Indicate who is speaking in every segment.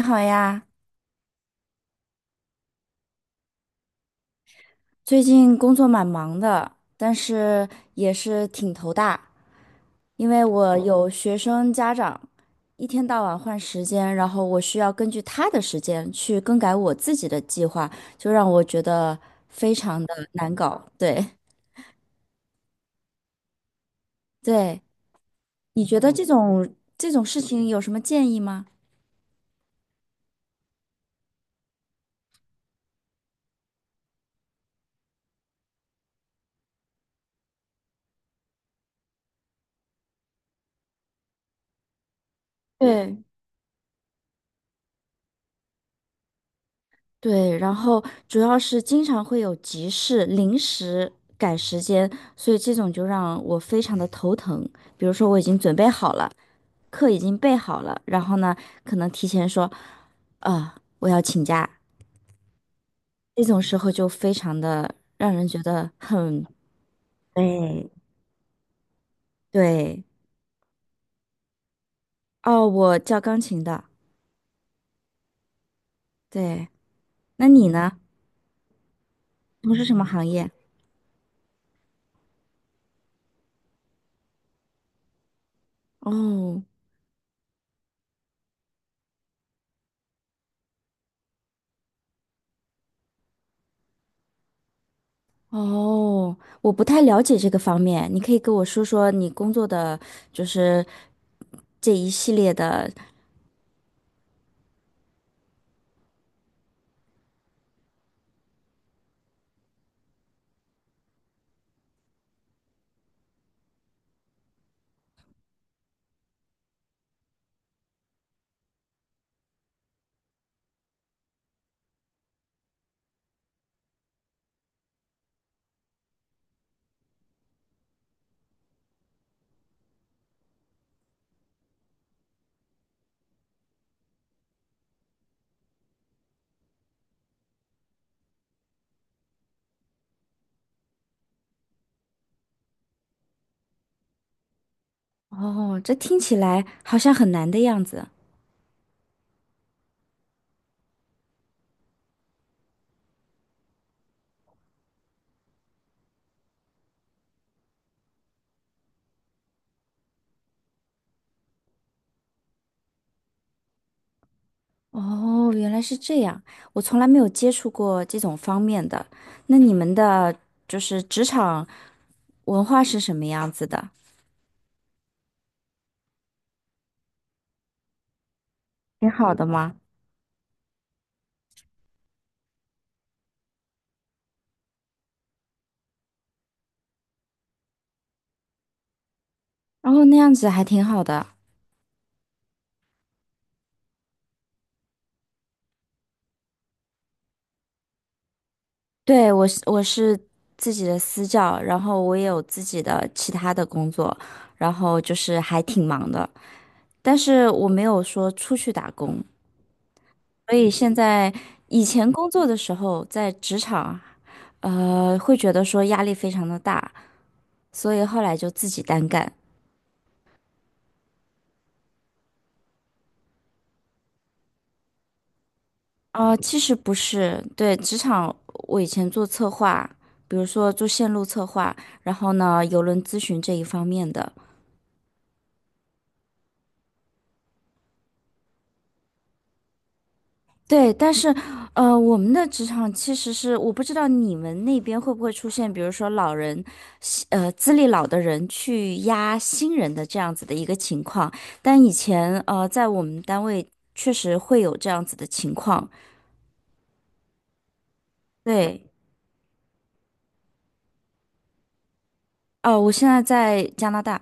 Speaker 1: 你好呀，最近工作蛮忙的，但是也是挺头大，因为我有学生家长，一天到晚换时间，然后我需要根据他的时间去更改我自己的计划，就让我觉得非常的难搞。对对，你觉得这种事情有什么建议吗？对，对，然后主要是经常会有急事，临时改时间，所以这种就让我非常的头疼。比如说我已经准备好了，课已经备好了，然后呢，可能提前说，我要请假，这种时候就非常的让人觉得很，对，对，哦，我教钢琴的，对，那你呢？从事什么行业？哦。哦，我不太了解这个方面，你可以跟我说说你工作的，就是这一系列的。哦，这听起来好像很难的样子。哦，原来是这样，我从来没有接触过这种方面的。那你们的就是职场文化是什么样子的？挺好的吗？然后那样子还挺好的。对，我是自己的私教，然后我也有自己的其他的工作，然后就是还挺忙的。但是我没有说出去打工，所以现在以前工作的时候在职场，会觉得说压力非常的大，所以后来就自己单干。其实不是，对，职场我以前做策划，比如说做线路策划，然后呢，邮轮咨询这一方面的，对，但是，我们的职场其实是我不知道你们那边会不会出现，比如说老人，资历老的人去压新人的这样子的一个情况。但以前，在我们单位确实会有这样子的情况。对，哦、我现在在加拿大。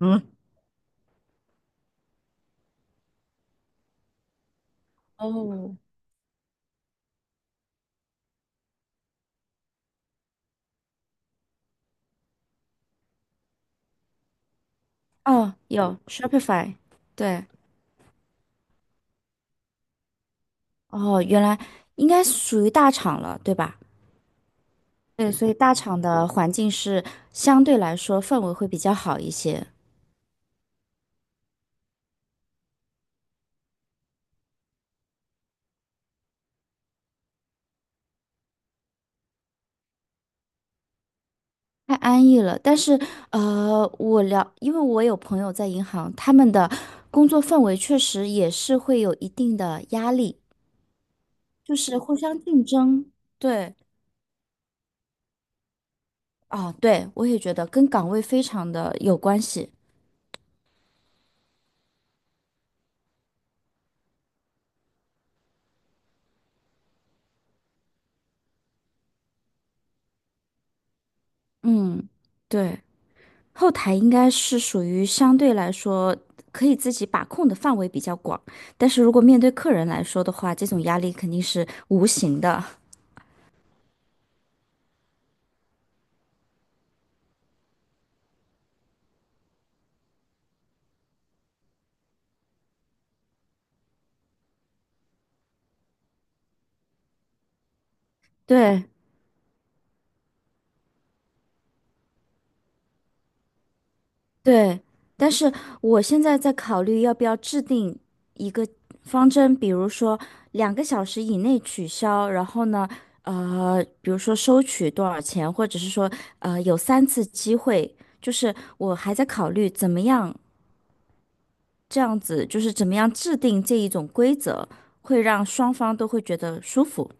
Speaker 1: 嗯，哦，哦，有 Shopify，对，哦，原来应该属于大厂了，对吧？对，所以大厂的环境是相对来说氛围会比较好一些。太安逸了，但是因为我有朋友在银行，他们的工作氛围确实也是会有一定的压力，就是互相竞争。对，啊，对，我也觉得跟岗位非常的有关系。嗯，对，后台应该是属于相对来说可以自己把控的范围比较广，但是如果面对客人来说的话，这种压力肯定是无形的。对。对，但是我现在在考虑要不要制定一个方针，比如说2个小时以内取消，然后呢，比如说收取多少钱，或者是说，有三次机会，就是我还在考虑怎么样这样子，就是怎么样制定这一种规则，会让双方都会觉得舒服。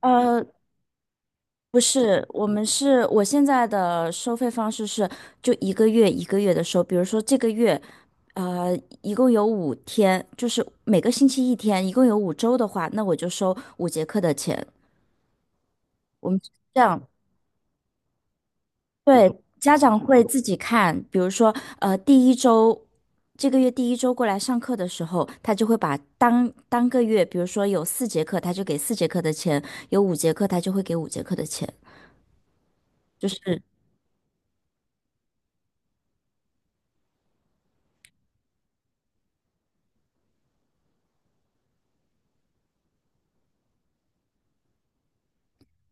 Speaker 1: 呃，不是，我们是我现在的收费方式是就一个月一个月的收，比如说这个月，呃，一共有5天，就是每个星期一天，一共有5周的话，那我就收五节课的钱。我们这样，对，家长会自己看，比如说，第一周，这个月第一周过来上课的时候，他就会把当个月，比如说有四节课，他就给四节课的钱；有五节课，他就会给五节课的钱。就是。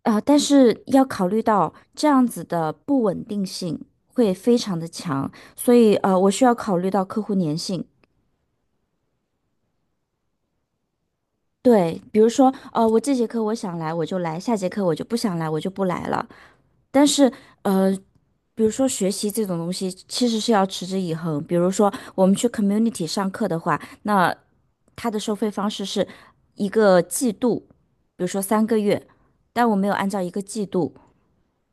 Speaker 1: 但是要考虑到这样子的不稳定性会非常的强，所以我需要考虑到客户粘性。对，比如说我这节课我想来我就来，下节课我就不想来我就不来了。但是呃，比如说学习这种东西其实是要持之以恒。比如说我们去 community 上课的话，那它的收费方式是一个季度，比如说3个月，但我没有按照一个季度。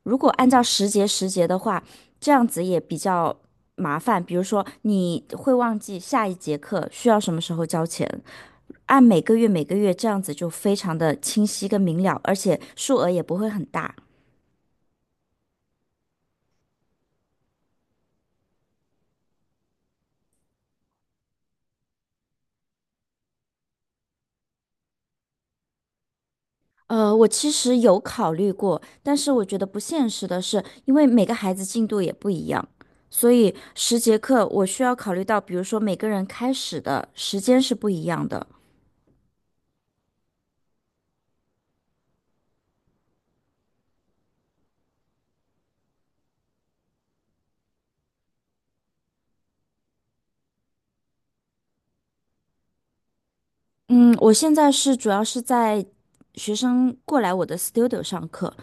Speaker 1: 如果按照时节的话，这样子也比较麻烦。比如说，你会忘记下一节课需要什么时候交钱，按每个月每个月这样子就非常的清晰跟明了，而且数额也不会很大。我其实有考虑过，但是我觉得不现实的是，因为每个孩子进度也不一样，所以十节课我需要考虑到，比如说每个人开始的时间是不一样的，嗯，我现在是主要是在学生过来我的 studio 上课，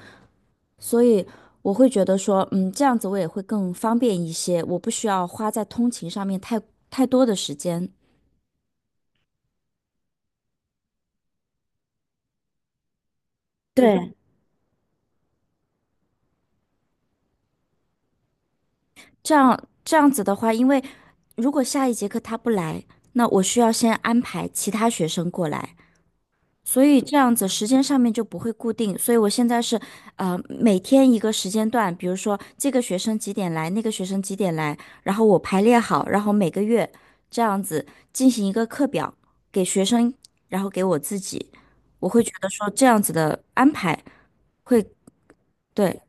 Speaker 1: 所以我会觉得说，这样子我也会更方便一些，我不需要花在通勤上面太多的时间。对，这样子的话，因为如果下一节课他不来，那我需要先安排其他学生过来，所以这样子时间上面就不会固定，所以我现在是，每天一个时间段，比如说这个学生几点来，那个学生几点来，然后我排列好，然后每个月这样子进行一个课表给学生，然后给我自己，我会觉得说这样子的安排会，对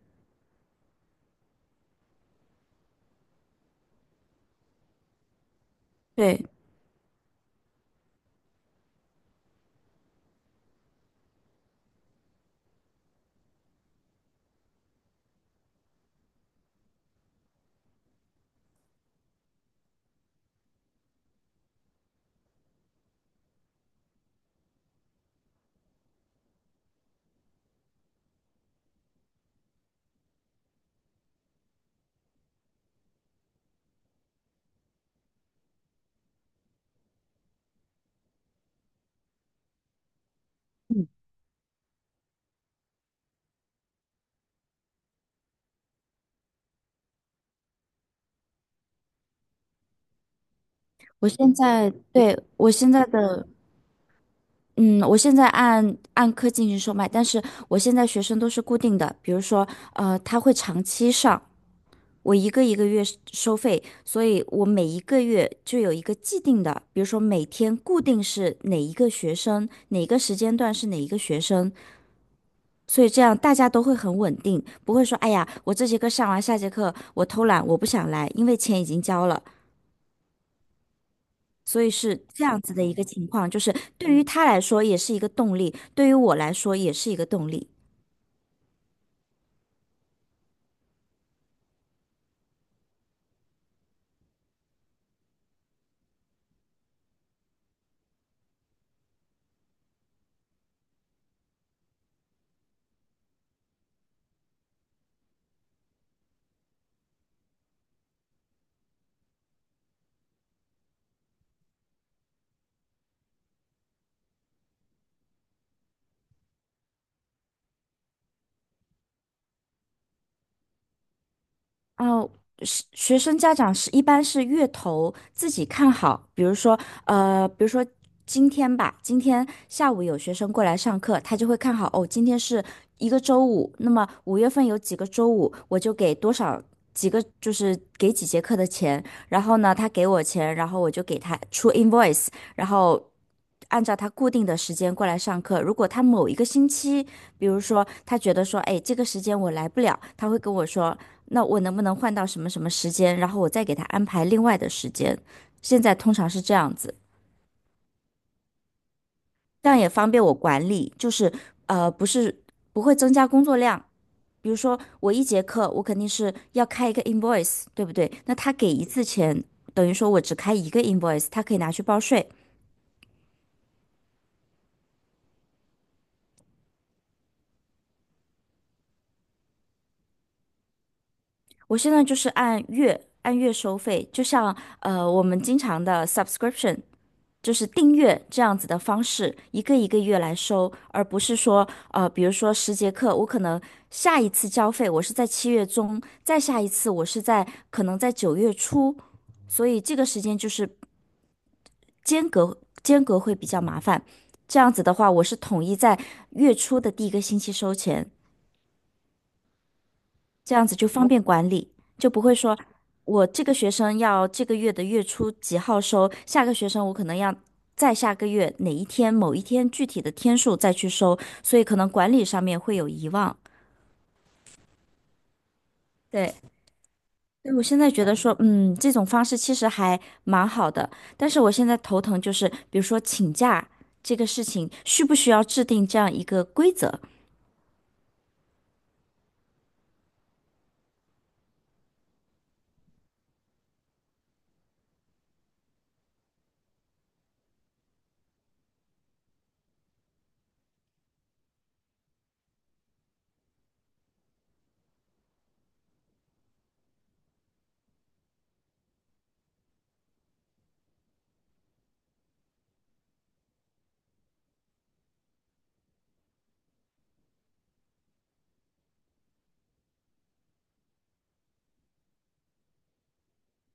Speaker 1: 对，我现在的。嗯，我现在按课进行售卖，但是我现在学生都是固定的，比如说，他会长期上，我一个一个月收费，所以我每一个月就有一个既定的，比如说每天固定是哪一个学生，哪个时间段是哪一个学生，所以这样大家都会很稳定，不会说哎呀，我这节课上完，下节课我偷懒，我不想来，因为钱已经交了。所以是这样子的一个情况，就是对于他来说也是一个动力，对于我来说也是一个动力。哦，是学生家长是一般是月头自己看好，比如说，呃，比如说今天吧，今天下午有学生过来上课，他就会看好，哦，今天是一个周五，那么5月份有几个周五，我就给多少几个，就是给几节课的钱，然后呢，他给我钱，然后我就给他出 invoice，然后按照他固定的时间过来上课。如果他某一个星期，比如说他觉得说，哎，这个时间我来不了，他会跟我说，那我能不能换到什么什么时间，然后我再给他安排另外的时间。现在通常是这样子，这样也方便我管理，就是不是不会增加工作量。比如说我一节课，我肯定是要开一个 invoice，对不对？那他给一次钱，等于说我只开一个 invoice，他可以拿去报税。我现在就是按月按月收费，就像我们经常的 subscription，就是订阅这样子的方式，一个一个月来收，而不是说比如说十节课，我可能下一次交费我是在7月中，再下一次我是在可能在9月初，所以这个时间就是间隔会比较麻烦。这样子的话，我是统一在月初的第一个星期收钱，这样子就方便管理，就不会说我这个学生要这个月的月初几号收，下个学生我可能要再下个月哪一天某一天具体的天数再去收，所以可能管理上面会有遗忘。对，所以我现在觉得说，这种方式其实还蛮好的，但是我现在头疼就是，比如说请假这个事情，需不需要制定这样一个规则？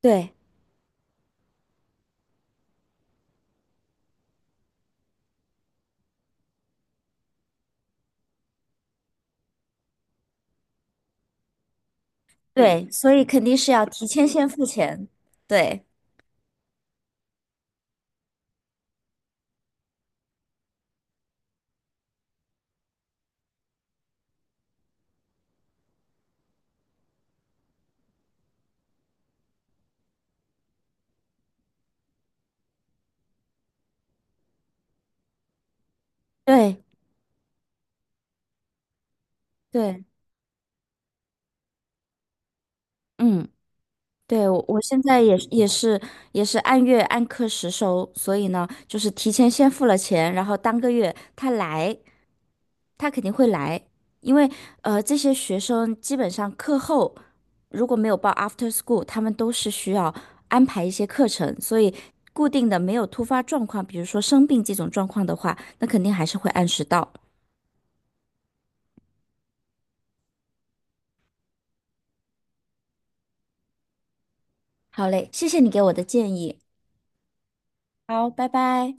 Speaker 1: 对对，所以肯定是要提前先付钱。对对对，嗯。对，我现在也是按月按课时收，所以呢，就是提前先付了钱，然后当个月他来，他肯定会来，因为这些学生基本上课后如果没有报 after school，他们都是需要安排一些课程，所以固定的没有突发状况，比如说生病这种状况的话，那肯定还是会按时到。好嘞，谢谢你给我的建议，好，拜拜。